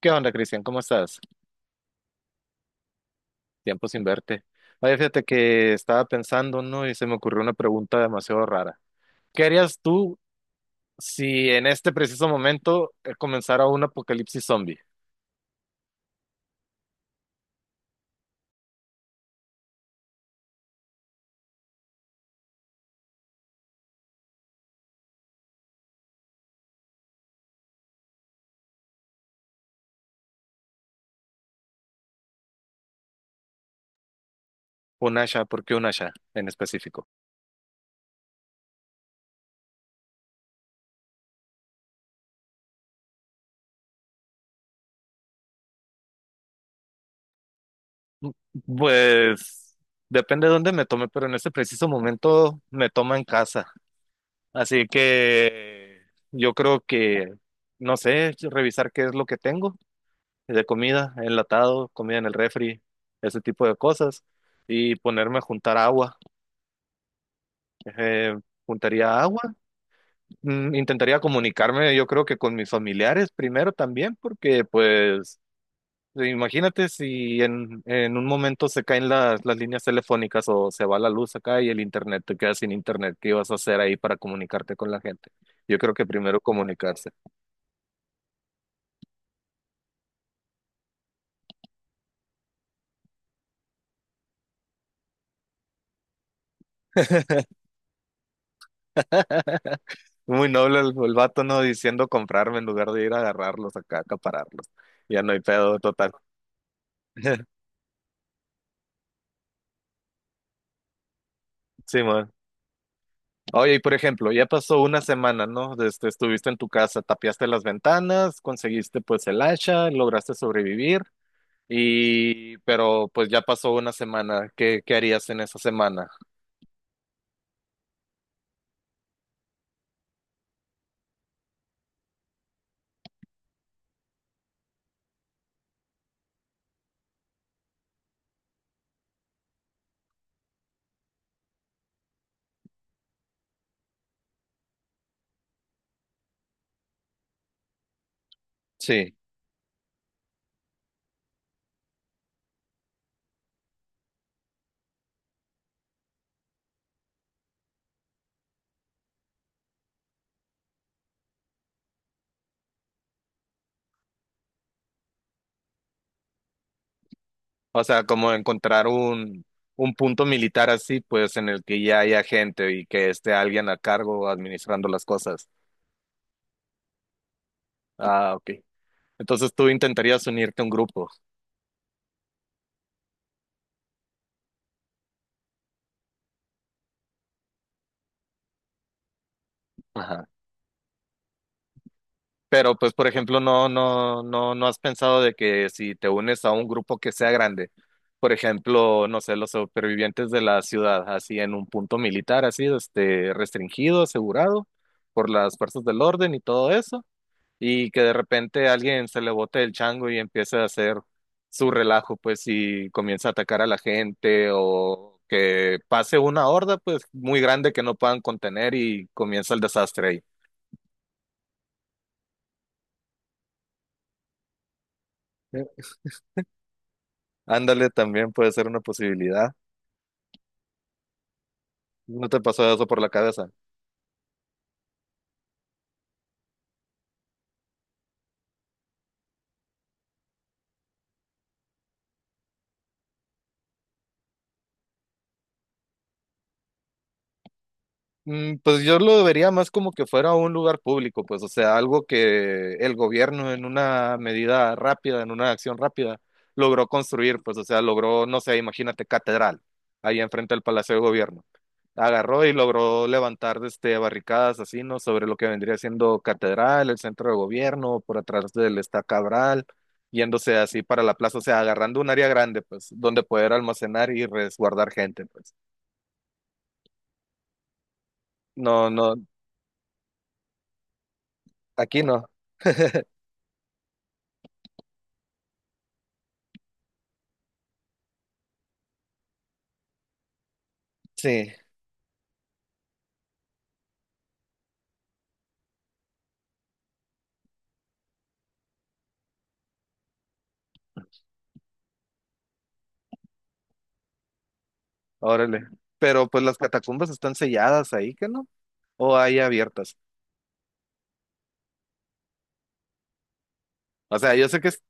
¿Qué onda, Cristian? ¿Cómo estás? Tiempo sin verte. Oye, fíjate que estaba pensando, ¿no? Y se me ocurrió una pregunta demasiado rara. ¿Qué harías tú si en este preciso momento comenzara un apocalipsis zombie? Un Asha, ¿por qué un Asha en específico? Mm, Pues depende de dónde me tome, pero en este preciso momento me toma en casa. Así que yo creo que, no sé, revisar qué es lo que tengo de comida, enlatado, comida en el refri, ese tipo de cosas, y ponerme a juntar agua. Eh, juntaría agua, intentaría comunicarme, yo creo que con mis familiares primero también, porque pues imagínate si en un momento se caen las líneas telefónicas o se va la luz acá y el internet, te quedas sin internet, ¿qué vas a hacer ahí para comunicarte con la gente? Yo creo que primero comunicarse. Muy noble el vato, ¿no? Diciendo comprarme en lugar de ir a agarrarlos acá, acapararlos. Ya no hay pedo total. Sí, man. Oye, y por ejemplo, ya pasó una semana, ¿no? Desde, estuviste en tu casa, tapiaste las ventanas, conseguiste pues el hacha, lograste sobrevivir, y pero pues ya pasó una semana. ¿Qué harías en esa semana? Sí. O sea, como encontrar un punto militar así, pues en el que ya haya gente y que esté alguien a cargo administrando las cosas. Ah, ok. Entonces tú intentarías unirte a un grupo. Ajá. Pero pues, por ejemplo, no, no, no, no has pensado de que si te unes a un grupo que sea grande, por ejemplo, no sé, los supervivientes de la ciudad, así en un punto militar, así, restringido, asegurado por las fuerzas del orden y todo eso. Y que de repente alguien se le bote el chango y empiece a hacer su relajo, pues, y comienza a atacar a la gente o que pase una horda, pues, muy grande que no puedan contener y comienza el desastre ahí. Eh, Ándale, también puede ser una posibilidad. ¿No te pasó eso por la cabeza? Pues yo lo vería más como que fuera un lugar público, pues, o sea, algo que el gobierno en una medida rápida, en una acción rápida, logró construir, pues, o sea, logró, no sé, imagínate, catedral, ahí enfrente del Palacio de Gobierno. Agarró y logró levantar, barricadas así, ¿no? Sobre lo que vendría siendo catedral, el centro de gobierno, por atrás del Esta Cabral, yéndose así para la plaza, o sea, agarrando un área grande, pues, donde poder almacenar y resguardar gente, pues. No, no, aquí no. Sí. Órale. Pero pues las catacumbas están selladas ahí, ¿qué no? O hay abiertas. O sea, yo sé que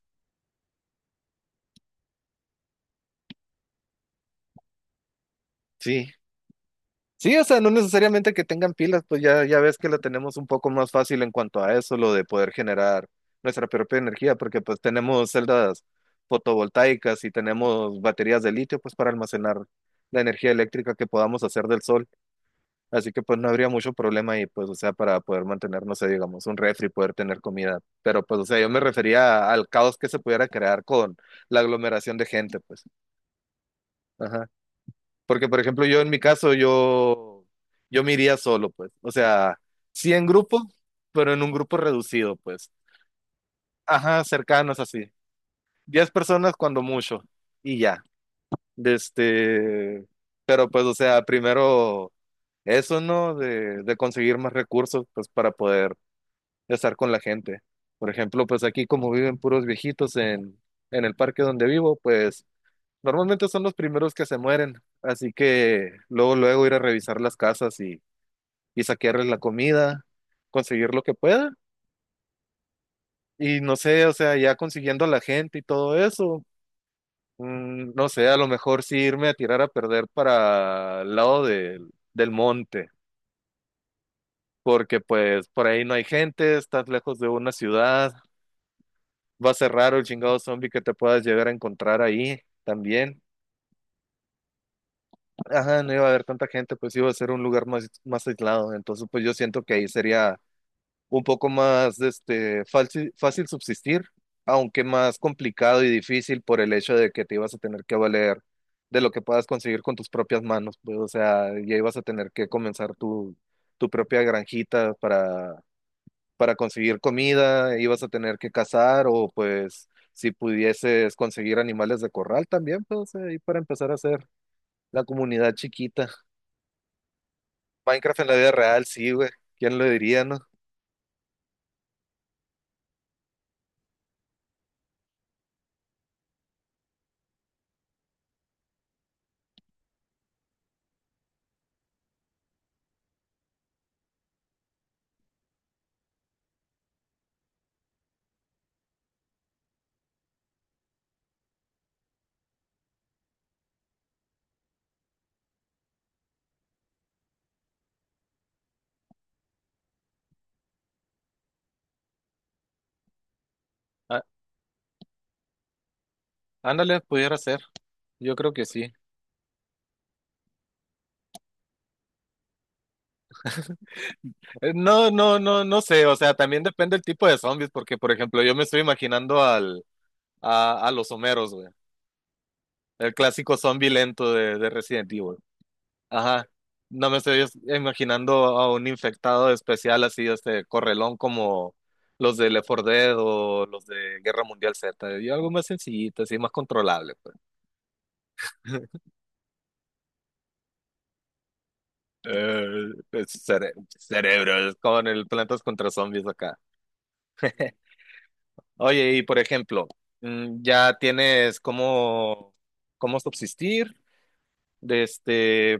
sí. Sí, o sea, no necesariamente que tengan pilas, pues ya ves que la tenemos un poco más fácil en cuanto a eso, lo de poder generar nuestra propia energía, porque pues tenemos celdas fotovoltaicas y tenemos baterías de litio, pues para almacenar la energía eléctrica que podamos hacer del sol. Así que pues no habría mucho problema y pues, o sea, para poder mantener, no sé, digamos, un refri, poder tener comida. Pero pues, o sea, yo me refería al caos que se pudiera crear con la aglomeración de gente, pues. Ajá. Porque, por ejemplo, yo en mi caso, yo me iría solo, pues. O sea, sí en grupo, pero en un grupo reducido, pues. Ajá, cercanos así. Diez personas cuando mucho. Y ya. De Este, pero pues, o sea, primero eso, ¿no? De conseguir más recursos, pues, para poder de estar con la gente. Por ejemplo, pues aquí como viven puros viejitos en el parque donde vivo, pues normalmente son los primeros que se mueren. Así que luego, luego ir a revisar las casas y saquearles la comida, conseguir lo que pueda. Y no sé, o sea, ya consiguiendo a la gente y todo eso, no sé, a lo mejor sí irme a tirar a perder para el lado del monte, porque pues por ahí no hay gente, estás lejos de una ciudad. Va a ser raro el chingado zombie que te puedas llegar a encontrar ahí también. Ajá, no iba a haber tanta gente, pues iba a ser un lugar más aislado. Entonces, pues yo siento que ahí sería un poco más fácil, fácil subsistir, aunque más complicado y difícil por el hecho de que te ibas a tener que valer de lo que puedas conseguir con tus propias manos. Pues, o sea, ya ibas a tener que comenzar tu propia granjita para conseguir comida ibas a tener que cazar o pues si pudieses conseguir animales de corral también, pues ahí para empezar a hacer la comunidad chiquita. Minecraft en la vida real, sí, güey. ¿Quién lo diría, no? Ah, ándale, pudiera ser. Yo creo que sí. No, no, no, no sé. O sea, también depende el tipo de zombies, porque, por ejemplo, yo me estoy imaginando a los Homeros, güey. El clásico zombie lento de Resident Evil. Ajá. No me estoy imaginando a un infectado especial así, este correlón como los de Left 4 Dead o los de Guerra Mundial Z. Yo algo más sencillito, así más controlable, pues. Eh, pues, cerebros con el Plantas contra Zombies acá. Oye, y por ejemplo, ya tienes cómo subsistir, de este,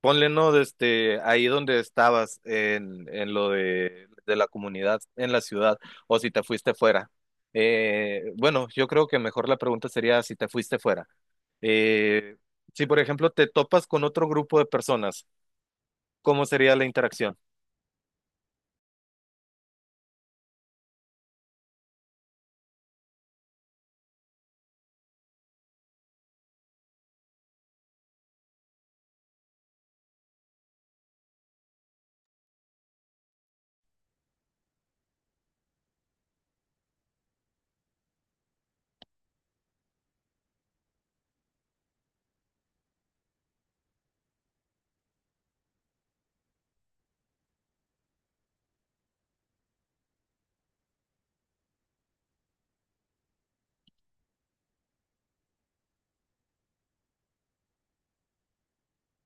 ponle, ¿no? Ahí donde estabas en lo de la comunidad, en la ciudad, o si te fuiste fuera. Bueno, yo creo que mejor la pregunta sería si te fuiste fuera. Eh, si, por ejemplo, te topas con otro grupo de personas, ¿cómo sería la interacción?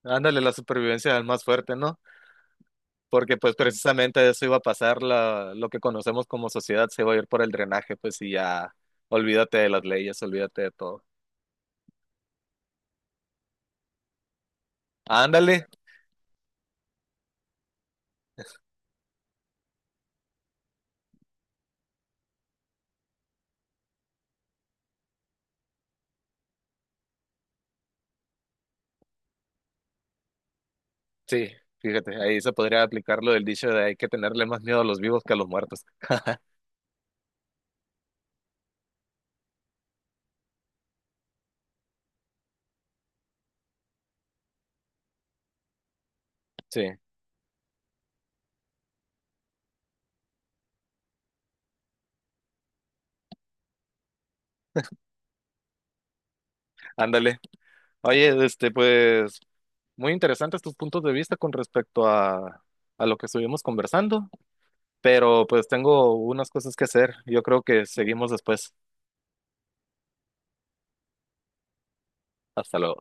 Ándale, la supervivencia del más fuerte, ¿no? Porque pues precisamente eso iba a pasar, lo que conocemos como sociedad se va a ir por el drenaje, pues y ya olvídate de las leyes, olvídate de todo. Ándale, sí, fíjate, ahí se podría aplicar lo del dicho de hay que tenerle más miedo a los vivos que a los muertos. Sí, ándale. Oye, pues, muy interesantes tus puntos de vista con respecto a lo que estuvimos conversando, pero pues tengo unas cosas que hacer. Yo creo que seguimos después. Hasta luego.